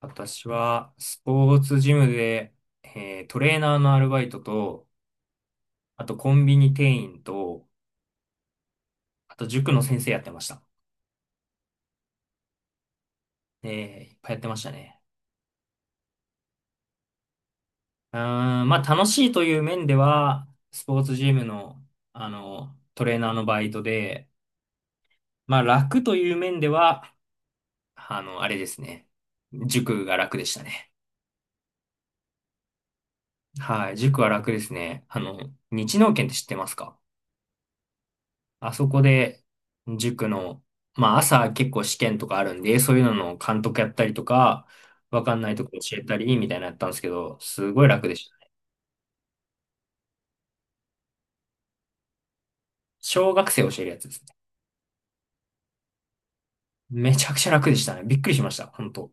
私は、スポーツジムで、トレーナーのアルバイトと、あとコンビニ店員と、あと塾の先生やってました。えいっぱいやってましたね。うーん、まあ楽しいという面では、スポーツジムの、トレーナーのバイトで、まあ楽という面では、あれですね。塾が楽でしたね。はい、塾は楽ですね。日農研って知ってますか？あそこで、塾の、まあ朝結構試験とかあるんで、そういうのの監督やったりとか、わかんないとこ教えたり、みたいなのやったんですけど、すごい楽でしたね。小学生教えるやつですね。めちゃくちゃ楽でしたね。びっくりしました、本当。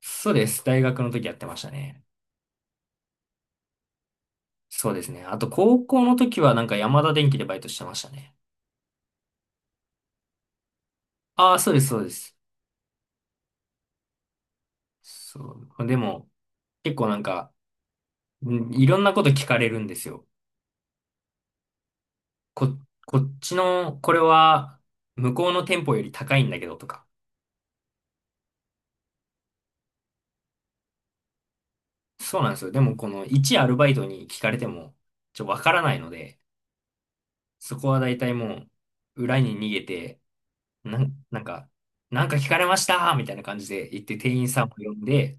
そうです。大学の時やってましたね。そうですね。あと高校の時はなんか山田電機でバイトしてましたね。ああ、そうです、そうです。そう。でも、結構なんか、いろんなこと聞かれるんですよ。こ、こっちの、これは、向こうの店舗より高いんだけどとか。そうなんですよ。でも、この一アルバイトに聞かれても、わからないので、そこは大体もう、裏に逃げて、なん、なんか、なんか聞かれましたみたいな感じで言って店員さんを呼んで、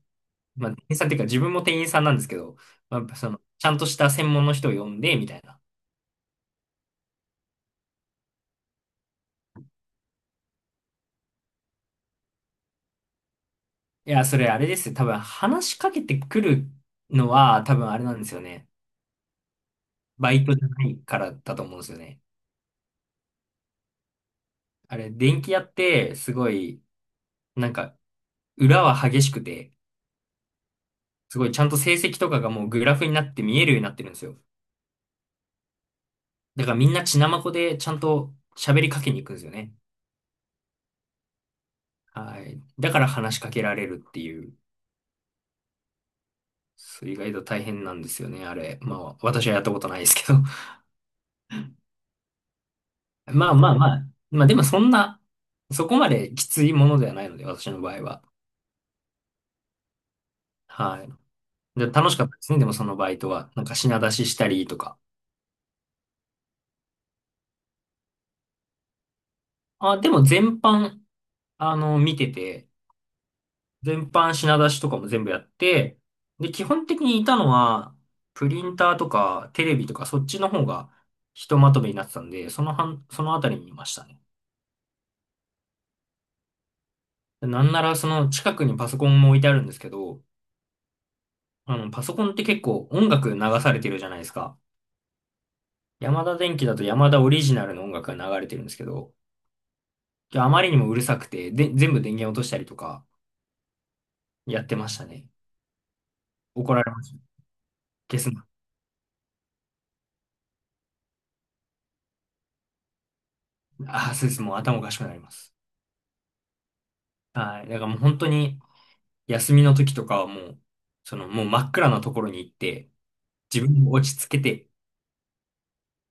まあ、店員さんっていうか自分も店員さんなんですけど、まあ、その、ちゃんとした専門の人を呼んで、みたいな。いや、それあれですよ。多分話しかけてくるのは、多分あれなんですよね。バイトじゃないからだと思うんですよね。あれ、電気屋って、すごい、なんか、裏は激しくて、すごいちゃんと成績とかがもうグラフになって見えるようになってるんですよ。だからみんな血まこでちゃんと喋りかけに行くんですよね。はい。だから話しかけられるっていう、そう意外と大変なんですよね、あれ。まあ、私はやったことないですけど。まあまあまあ、まあでもそんな、そこまできついものではないので、私の場合は。はい。で、楽しかったですね、でもそのバイトは。なんか品出ししたりとか。あ、でも全般、見てて、全般品出しとかも全部やって、で、基本的にいたのは、プリンターとかテレビとかそっちの方がひとまとめになってたんで、その半、そのあたりにいましたね。なんならその近くにパソコンも置いてあるんですけど、パソコンって結構音楽流されてるじゃないですか。ヤマダ電機だとヤマダオリジナルの音楽が流れてるんですけど、あまりにもうるさくて、で、全部電源落としたりとかやってましたね。怒られました。消すな。ああ、そうです。もう頭おかしくなります。はい。だからもう本当に、休みの時とかはもう、そのもう真っ暗なところに行って、自分を落ち着けて、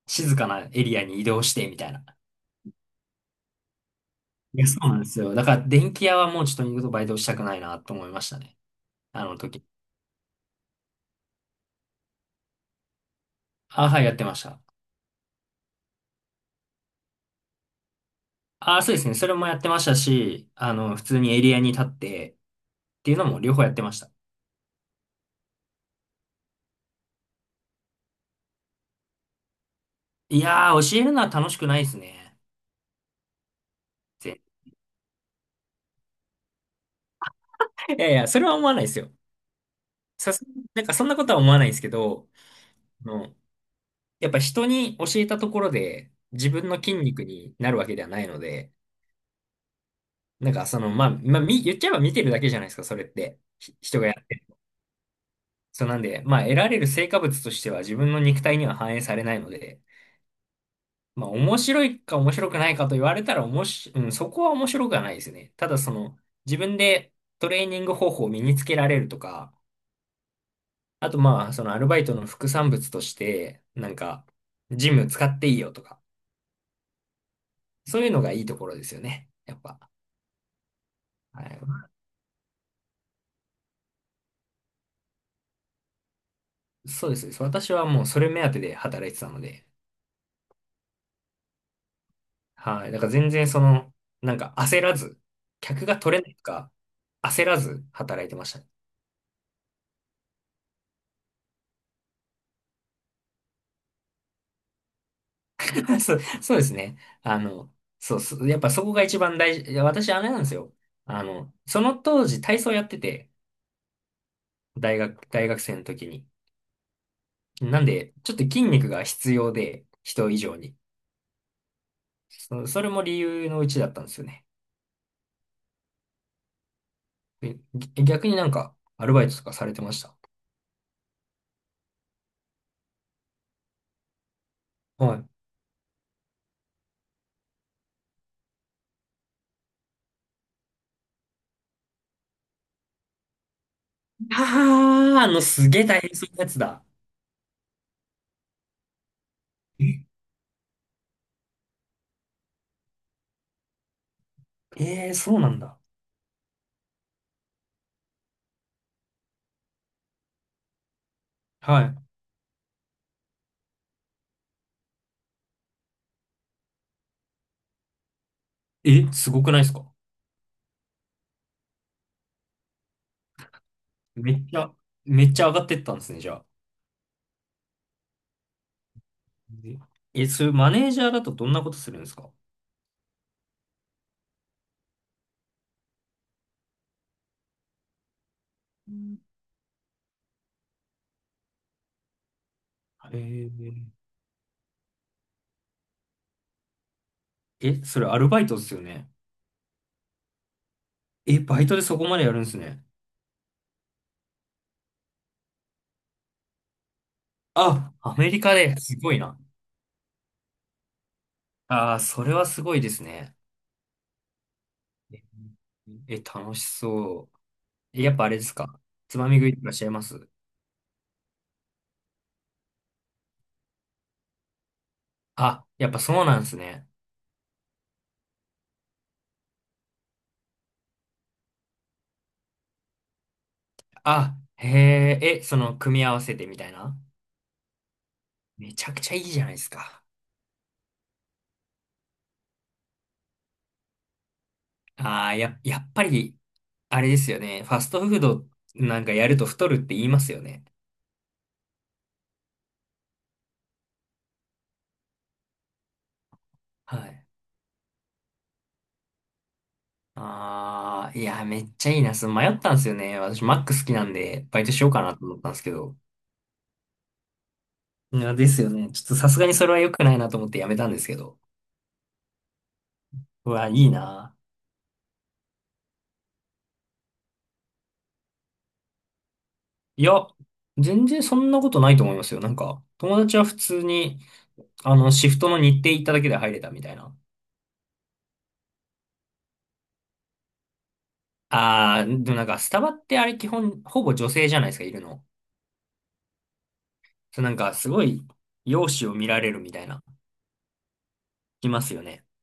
静かなエリアに移動して、みたいな。いや、そうなんですよ。だから電気屋はもうちょっと二度とバイトしたくないなと思いましたね。あの時。あ、はい、やってました。あ、そうですね。それもやってましたし、普通にエリアに立ってっていうのも両方やってました。いやー、教えるのは楽しくないですね。全然いやいや、それは思わないですよ。さす、なんかそんなことは思わないですけど、あのやっぱ人に教えたところで自分の筋肉になるわけではないので、なんかその、まあ、まあ、言っちゃえば見てるだけじゃないですか、それって。人がやってる。そうなんで、まあ、得られる成果物としては自分の肉体には反映されないので、まあ、面白いか面白くないかと言われたら、おもし、うん、そこは面白くはないですね。ただ、その、自分でトレーニング方法を身につけられるとか、あと、まあ、そのアルバイトの副産物として、なんか、ジム使っていいよとか、そういうのがいいところですよね。やっぱ。はい、そうです。私はもうそれ目当てで働いてたので、はい。だから全然その、なんか焦らず、客が取れないとか、焦らず働いてましたね。そう、そうですね。そう、そうやっぱそこが一番大事。いや、私あれなんですよ。その当時体操やってて、大学生の時に。なんで、ちょっと筋肉が必要で、人以上に。それも理由のうちだったんですよね。逆になんか、アルバイトとかされてました？はい。ああ、すげえ大変そうなやつだ。え、そうなんだ。はい。え、すごくないですか？めっちゃ、めっちゃ上がってったんですね、じゃあ。え、それマネージャーだとどんなことするんですか？うん。えー、え、それアルバイトですよね。え、バイトでそこまでやるんですね。あ、アメリカですごいな。ああ、それはすごいですね。え、え、楽しそう。え、やっぱあれですか？つまみ食いってらっしゃいます？あ、やっぱそうなんですね。あ、へえ、え、その、組み合わせてみたいな。めちゃくちゃいいじゃないですか。ああ、やっぱり、あれですよね。ファストフードなんかやると太るって言いますよね。はい。ああ、いや、めっちゃいいな。その迷ったんですよね。私、マック好きなんで、バイトしようかなと思ったんですけど。いや、ですよね。ちょっとさすがにそれは良くないなと思ってやめたんですけど。うわ、いいな。いや、全然そんなことないと思いますよ。なんか、友達は普通に、シフトの日程行っただけで入れたみたいな。ああ、でもなんか、スタバってあれ基本、ほぼ女性じゃないですか、いるの。そう、なんか、すごい、容姿を見られるみたいな、いますよね。っ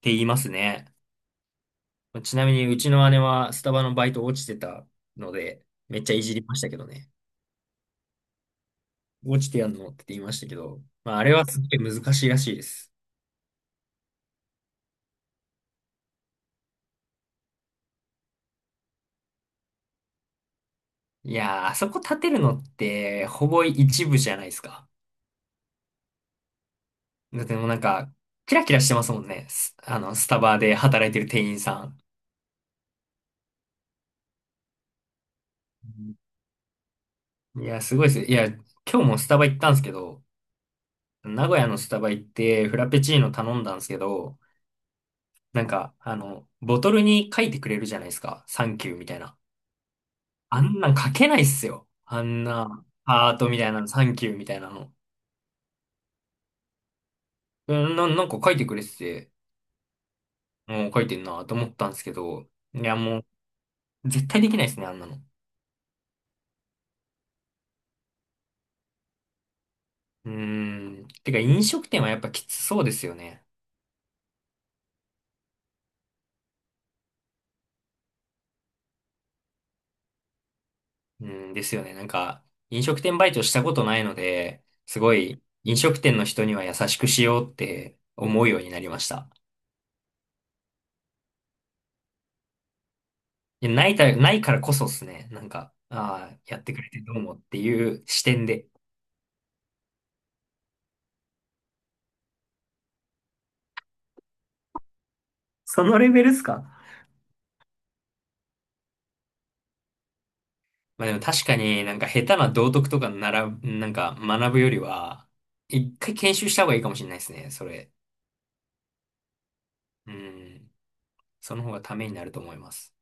て言いますね。ちなみに、うちの姉はスタバのバイト落ちてたので、めっちゃいじりましたけどね。落ちてやんのって言いましたけど、まあ、あれはすごい難しいらしいです。いやー、あそこ立てるのって、ほぼ一部じゃないですか。だってもうなんか、キラキラしてますもんね。スあの、スタバで働いてる店員さん。いや、すごいです。いや、今日もスタバ行ったんですけど、名古屋のスタバ行ってフラペチーノ頼んだんですけど、なんか、ボトルに書いてくれるじゃないですか。サンキューみたいな。あんなん書けないっすよ。あんな、ハートみたいなの、サンキューみたいなの。なんか書いてくれてて、もう書いてんなと思ったんですけど、いや、もう、絶対できないですね、あんなの。うーん。てか、飲食店はやっぱきつそうですよね。うんですよね。なんか、飲食店バイトしたことないので、すごい飲食店の人には優しくしようって思うようになりました。ないからこそですね。なんか、ああ、やってくれてどうもっていう視点で。そのレベルっすか？まあでも確かになんか下手な道徳とかなら、なんか学ぶよりは、一回研修した方がいいかもしれないですね。それ。うん。その方がためになると思います。